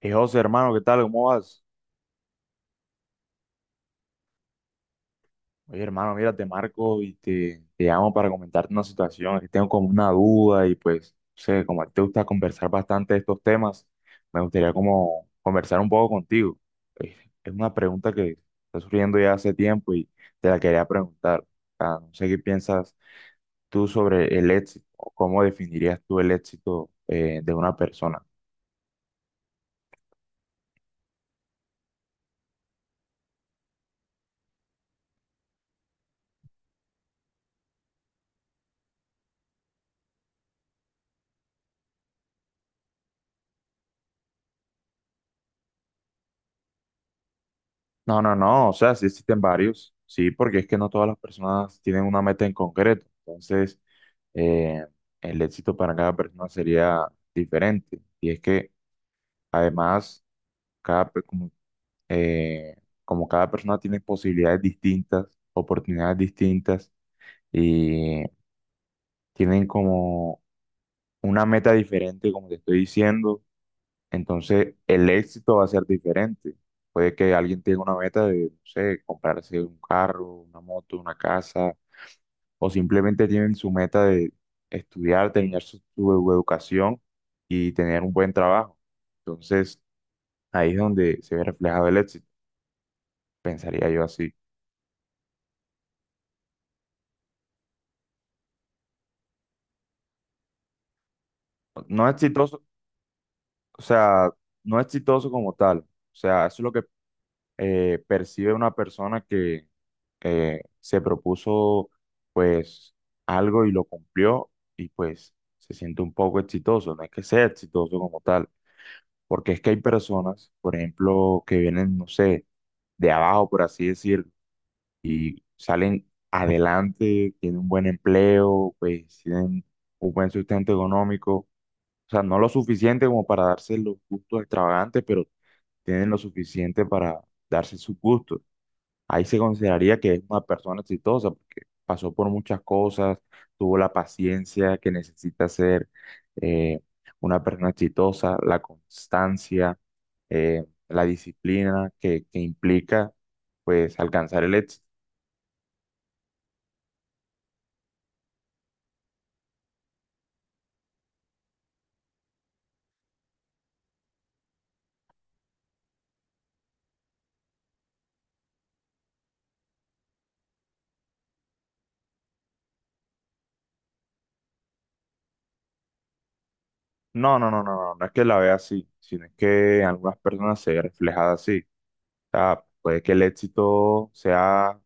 Hey, José, hermano, ¿qué tal? ¿Cómo vas? Oye, hermano, mira, te marco y te llamo para comentarte una situación, que tengo como una duda y pues, no sé, como a ti te gusta conversar bastante de estos temas, me gustaría como conversar un poco contigo. Eh, Es una pregunta que está surgiendo ya hace tiempo y te la quería preguntar. No sé qué piensas tú sobre el éxito o cómo definirías tú el éxito de una persona. No, no, no, o sea, sí existen varios, sí, porque es que no todas las personas tienen una meta en concreto, entonces eh, el éxito para cada persona sería diferente, y es que además, cada, pe- como, eh, como cada persona tiene posibilidades distintas, oportunidades distintas, y tienen como una meta diferente, como te estoy diciendo, entonces el éxito va a ser diferente. Puede que alguien tenga una meta de, no sé, comprarse un carro, una moto, una casa, o simplemente tienen su meta de estudiar, terminar su educación y tener un buen trabajo. Entonces, ahí es donde se ve reflejado el éxito, pensaría yo así. No exitoso, o sea, no exitoso como tal. O sea, eso es lo que percibe una persona que se propuso pues algo y lo cumplió y pues se siente un poco exitoso. No es que sea exitoso como tal, porque es que hay personas, por ejemplo, que vienen, no sé, de abajo, por así decir, y salen adelante, tienen un buen empleo, pues tienen un buen sustento económico. O sea, no lo suficiente como para darse los gustos extravagantes, pero tienen lo suficiente para darse sus gustos. Ahí se consideraría que es una persona exitosa porque pasó por muchas cosas, tuvo la paciencia que necesita ser eh, una persona exitosa, la constancia, la disciplina que implica pues alcanzar el éxito. No, no, no, no, no, no es que la vea así, sino es que en algunas personas se ve reflejada así. O sea, puede que el éxito sea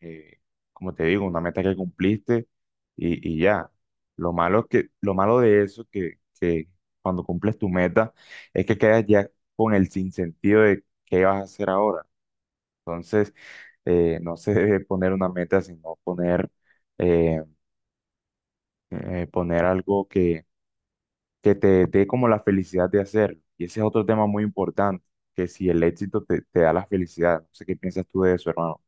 eh, como te digo, una meta que cumpliste y ya. Lo malo es que, lo malo de eso que cuando cumples tu meta es que quedas ya con el sinsentido de qué vas a hacer ahora. Entonces, no se debe poner una meta, sino poner, eh, poner algo que te dé como la felicidad de hacerlo. Y ese es otro tema muy importante, que si el éxito te da la felicidad. No sé qué piensas tú de eso, hermano.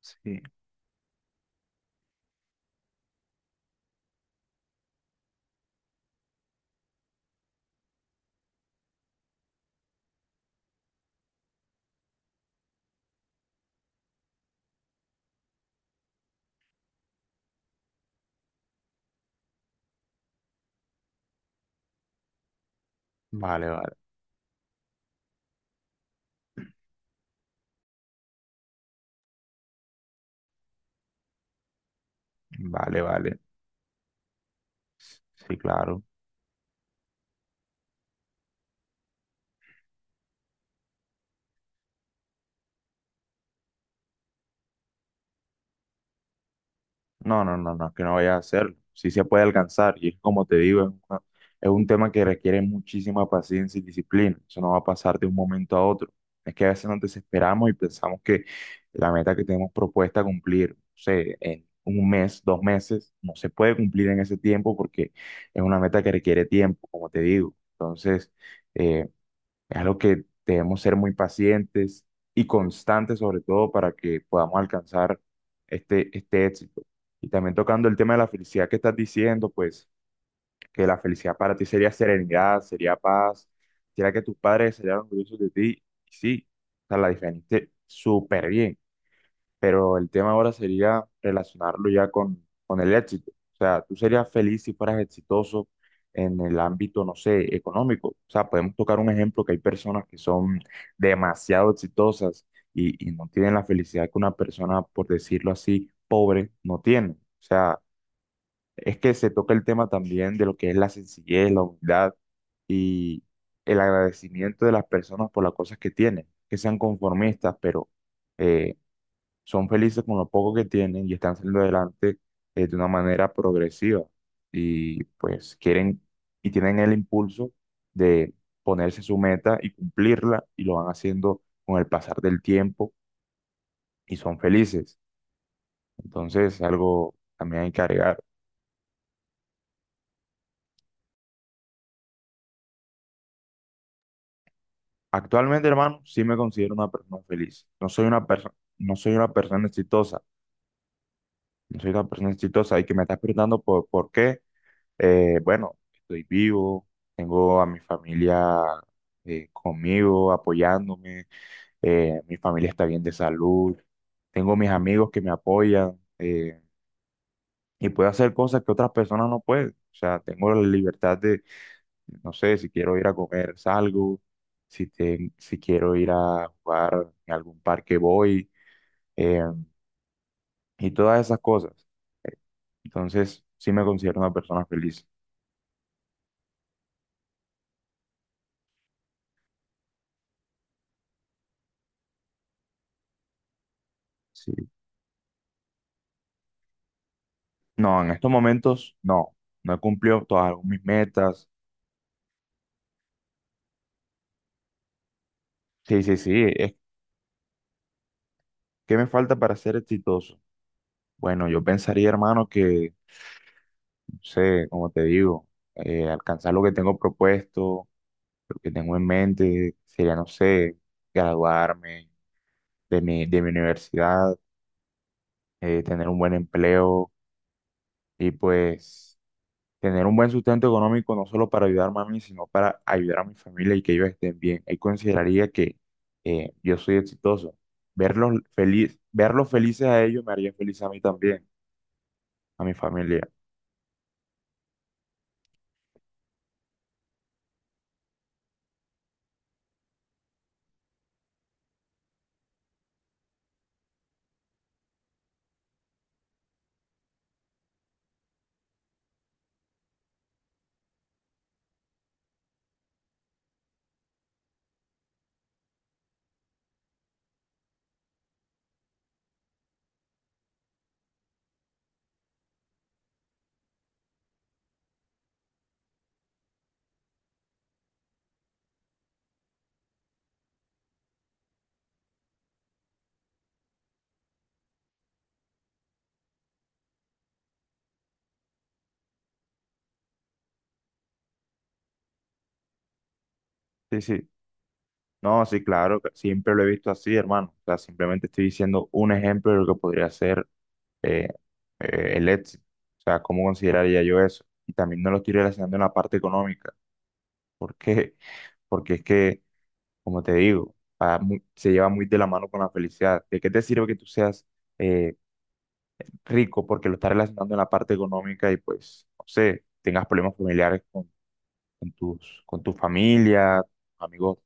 Sí, vale, vale, vale, vale. Sí, claro. No, no, no, no, es que no vaya a hacerlo. Sí se puede alcanzar y es como te digo, es un tema que requiere muchísima paciencia y disciplina. Eso no va a pasar de un momento a otro. Es que a veces nos desesperamos y pensamos que la meta que tenemos propuesta cumplir, no sé, en un mes, dos meses, no se puede cumplir en ese tiempo porque es una meta que requiere tiempo, como te digo. Entonces, eh, es algo que debemos ser muy pacientes y constantes, sobre todo, para que podamos alcanzar este éxito. Y también tocando el tema de la felicidad que estás diciendo, pues que la felicidad para ti sería serenidad, sería paz, sería que tus padres serían orgullosos de ti. Y sí, o sea, la definiste súper bien, pero el tema ahora sería relacionarlo ya con el éxito. O sea, tú serías feliz si fueras exitoso en el ámbito, no sé, económico. O sea, podemos tocar un ejemplo que hay personas que son demasiado exitosas y no tienen la felicidad que una persona, por decirlo así, pobre no tiene. O sea, es que se toca el tema también de lo que es la sencillez, la humildad y el agradecimiento de las personas por las cosas que tienen, que sean conformistas, pero eh, son felices con lo poco que tienen y están saliendo adelante de una manera progresiva. Y pues quieren y tienen el impulso de ponerse su meta y cumplirla y lo van haciendo con el pasar del tiempo y son felices. Entonces, algo también hay que agregar. Actualmente, hermano, sí me considero una persona feliz. No soy una persona exitosa. No soy una persona exitosa y que me estás preguntando por qué. Bueno, estoy vivo, tengo a mi familia conmigo, apoyándome, mi familia está bien de salud, tengo mis amigos que me apoyan, y puedo hacer cosas que otras personas no pueden. O sea, tengo la libertad de, no sé, si quiero ir a comer, salgo, si quiero ir a jugar en algún parque, voy, eh, y todas esas cosas. Entonces, sí me considero una persona feliz. Sí. No, en estos momentos no, no he cumplido todas mis metas. Sí, sí, ¿Qué me falta para ser exitoso? Bueno, yo pensaría, hermano, que, no sé, como te digo, alcanzar lo que tengo propuesto, lo que tengo en mente, sería, no sé, graduarme de mi universidad, tener un buen empleo y pues tener un buen sustento económico no solo para ayudarme a mí, sino para ayudar a mi familia y que ellos estén bien. Ahí consideraría que yo soy exitoso. Verlos feliz, verlos felices a ellos me haría feliz a mí también, a mi familia. Sí, sí. No, sí, claro, que siempre lo he visto así, hermano. O sea, simplemente estoy diciendo un ejemplo de lo que podría ser eh, el éxito. O sea, ¿cómo consideraría yo eso? Y también no lo estoy relacionando en la parte económica. ¿Por qué? Porque es que como te digo, se lleva muy de la mano con la felicidad. ¿De qué te sirve que tú seas eh, rico porque lo estás relacionando en la parte económica y pues, no sé, tengas problemas familiares con, con tu familia, amigos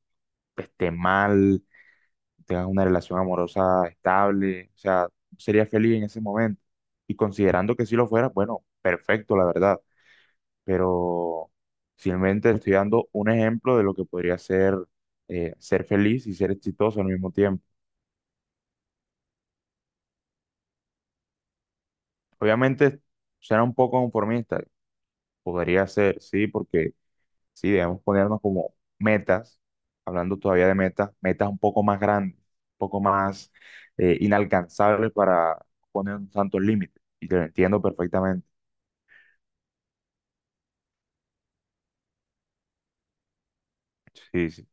estén mal, tengas una relación amorosa estable, o sea, serías feliz en ese momento. Y considerando que si lo fueras, bueno, perfecto, la verdad, pero simplemente estoy dando un ejemplo de lo que podría ser ser feliz y ser exitoso al mismo tiempo. Obviamente suena un poco conformista, podría ser, sí, porque sí, debemos ponernos como metas, hablando todavía de metas, metas un poco más grandes, un poco más inalcanzables para poner tantos límites. Y te lo entiendo perfectamente. Sí, sí.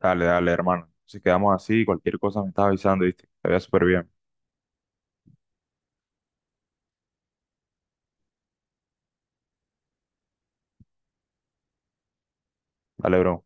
Dale, dale, hermano. Si quedamos así, cualquier cosa me estás avisando, ¿viste? Te veo súper bien. Dale, bro.